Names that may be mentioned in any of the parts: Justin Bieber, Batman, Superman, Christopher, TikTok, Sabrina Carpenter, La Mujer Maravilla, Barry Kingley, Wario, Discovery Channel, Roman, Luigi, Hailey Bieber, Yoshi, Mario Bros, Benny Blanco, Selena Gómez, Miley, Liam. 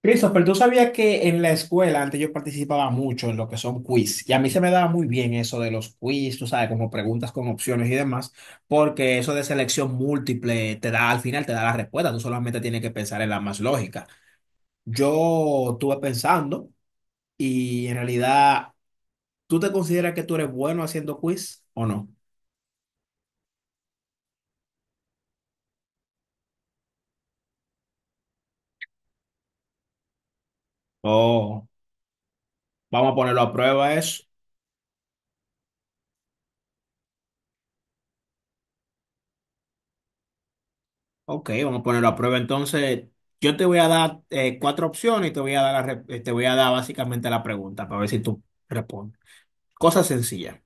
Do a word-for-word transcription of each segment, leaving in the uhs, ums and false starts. Christopher, tú sabías que en la escuela antes yo participaba mucho en lo que son quiz, y a mí se me daba muy bien eso de los quiz, tú sabes, como preguntas con opciones y demás, porque eso de selección múltiple te da, al final te da la respuesta, tú solamente tienes que pensar en la más lógica. Yo estuve pensando y en realidad, ¿tú te consideras que tú eres bueno haciendo quiz o no? O vamos a ponerlo a prueba eso. Ok, vamos a ponerlo a prueba. Entonces, yo te voy a dar eh, cuatro opciones y te voy a dar la re- eh, te voy a dar básicamente la pregunta para ver si tú respondes. Cosa sencilla.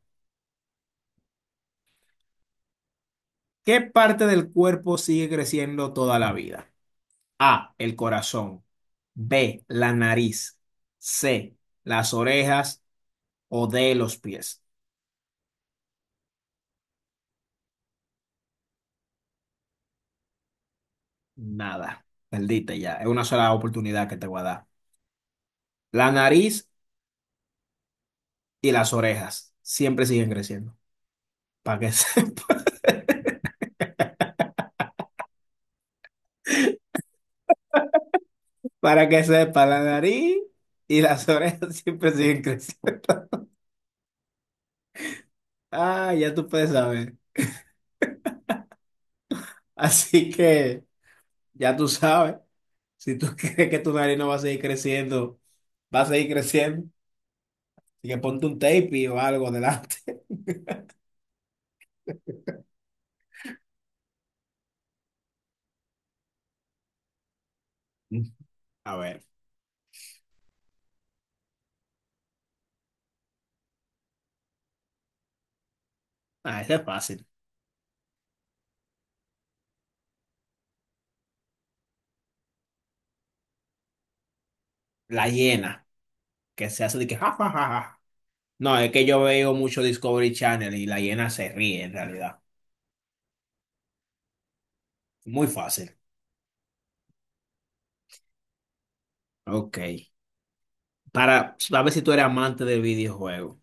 ¿Qué parte del cuerpo sigue creciendo toda la vida? A, el corazón. B, la nariz. C, las orejas o D, los pies. Nada. Perdiste ya. Es una sola oportunidad que te voy a dar. La nariz y las orejas siempre siguen creciendo. Para que para que sepa, la nariz y las orejas siempre siguen creciendo. Ah, ya tú puedes saber. Así que ya tú sabes. Si tú crees que tu nariz no va a seguir creciendo, va a seguir creciendo. Así que ponte un tape y o algo delante. A ver, ah, ese es fácil. La hiena, que se hace de que ja, ja, ja, ja. No, es que yo veo mucho Discovery Channel y la hiena se ríe en realidad. Muy fácil. Ok. Para, a ver si tú eres amante de videojuegos.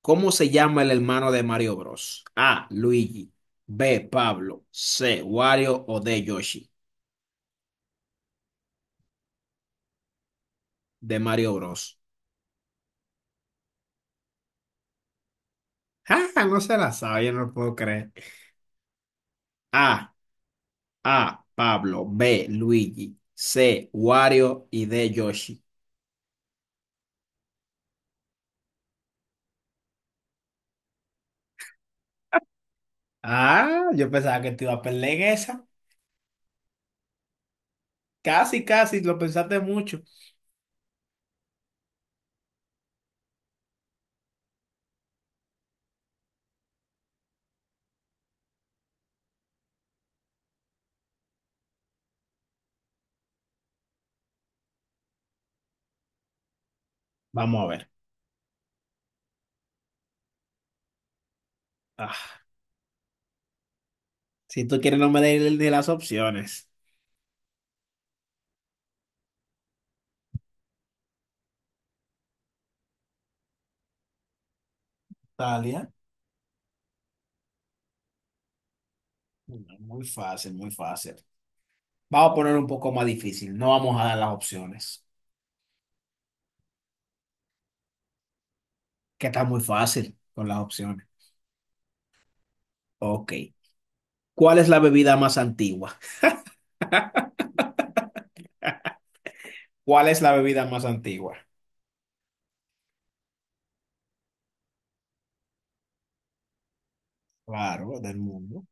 ¿Cómo se llama el hermano de Mario Bros? A. Luigi. B. Pablo. C. Wario o D. Yoshi. De Mario Bros. Ah, no se la sabe, yo no lo puedo creer. A. A. Pablo. B. Luigi. C. Wario y D. Yoshi. Ah, yo pensaba que te iba a perder en esa. Casi, casi, lo pensaste mucho. Vamos a ver. Ah, si tú quieres, no me des ni las opciones. Talia. No, muy fácil, muy fácil. Vamos a poner un poco más difícil. No vamos a dar las opciones, que está muy fácil con las opciones. Ok. ¿Cuál es la bebida más antigua? ¿Cuál es la bebida más antigua? Claro, del mundo.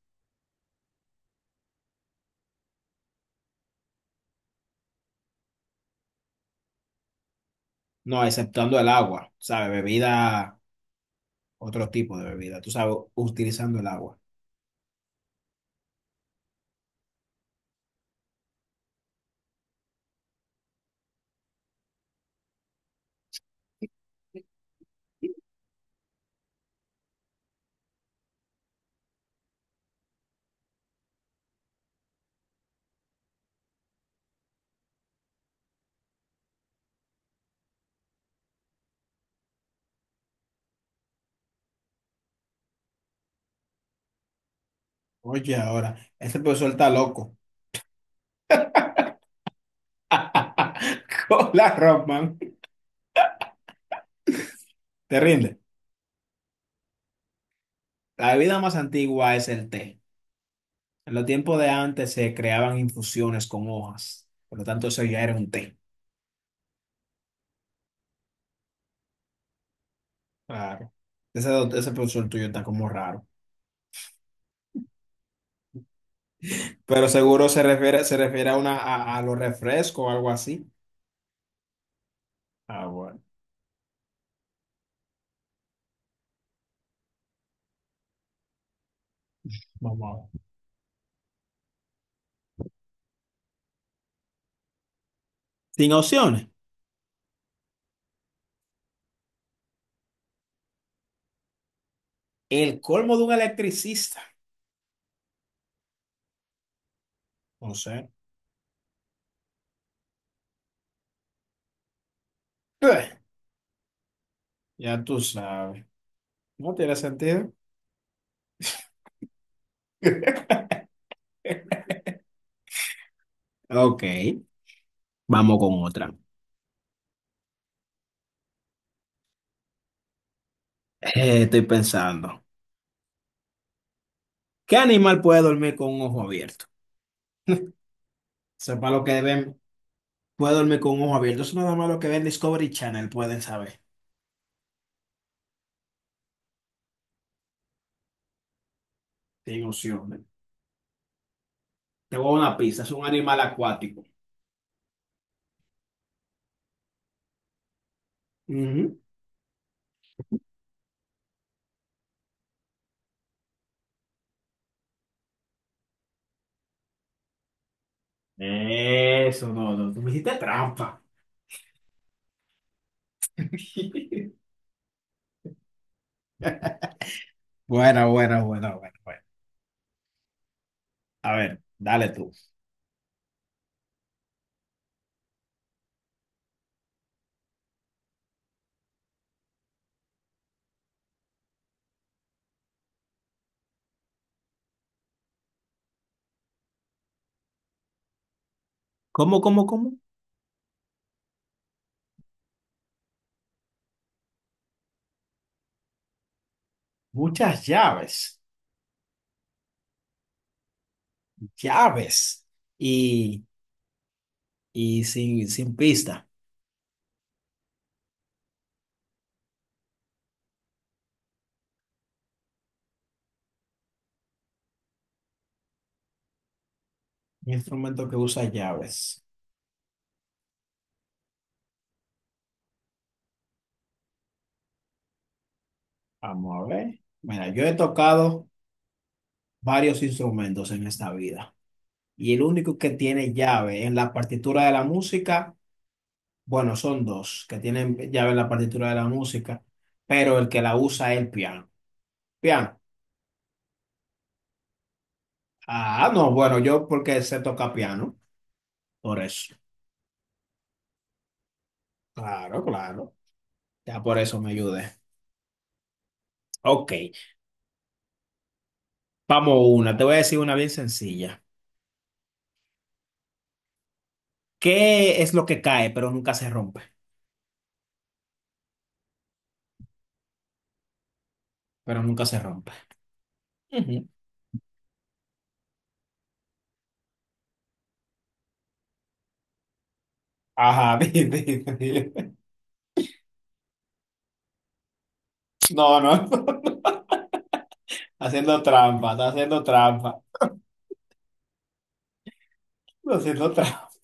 No, exceptuando el agua, ¿sabes? Bebida, otro tipo de bebida, tú sabes, utilizando el agua. Oye, ahora, este profesor está loco. Hola, Roman. ¿Te rinde? La bebida más antigua es el té. En los tiempos de antes se creaban infusiones con hojas, por lo tanto eso ya era un té. Claro. Ese, ese profesor tuyo está como raro. Pero seguro se refiere, se refiere a una a, a los refrescos o algo así. Ah, bueno. Vamos a ver. Sin opciones. El colmo de un electricista. No sé. Eh, Ya tú sabes. No tiene sentido. Ok. Vamos con otra. Eh, estoy pensando. ¿Qué animal puede dormir con un ojo abierto? Sepa lo que ven. Puede dormir con un ojo abierto. Eso nada más lo que ven Discovery Channel pueden saber. Sin opciones. Te voy a dar una pista, es un animal acuático. Ujú. Eso, no, no, tú me hiciste trampa. Buena, buena, buena, buena, buena. A ver, dale tú. ¿Cómo, cómo, cómo? Muchas llaves, llaves y, y sin, sin pista. Un instrumento que usa llaves. Vamos a ver. Mira, yo he tocado varios instrumentos en esta vida y el único que tiene llave en la partitura de la música. Bueno, son dos que tienen llave en la partitura de la música, pero el que la usa es el piano. Piano. Ah, no, bueno, yo porque sé tocar piano, por eso. Claro, claro. Ya por eso me ayudé. Ok, vamos una. Te voy a decir una bien sencilla. ¿Qué es lo que cae, pero nunca se rompe? Pero nunca se rompe. Ujú. Ajá, di- di- di. No, no. Haciendo trampa, está haciendo trampa. Está haciendo trampa.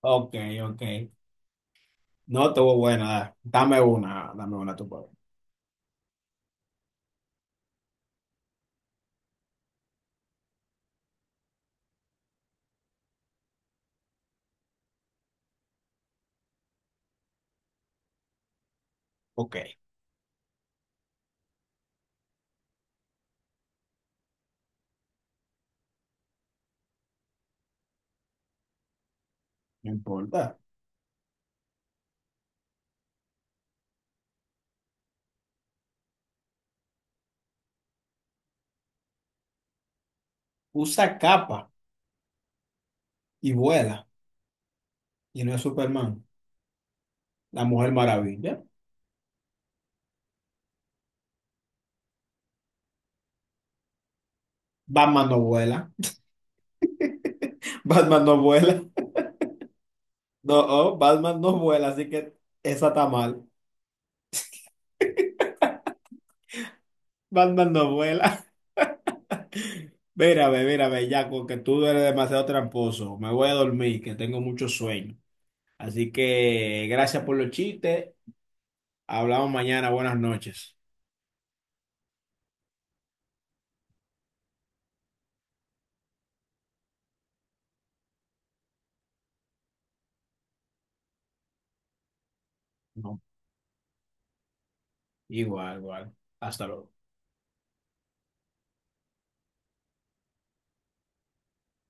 Ok, ok. No estuvo buena. da- Dame una, dame una tu papá. Ok, no importa. Usa capa y vuela. Y no es Superman. La Mujer Maravilla. Batman no vuela. Batman no vuela. No, oh, Batman no vuela, así que esa está mal. Batman no vuela. Mírame, mírame, ya porque tú eres demasiado tramposo. Me voy a dormir, que tengo mucho sueño. Así que gracias por los chistes. Hablamos mañana. Buenas noches. No, igual, igual. Hasta luego.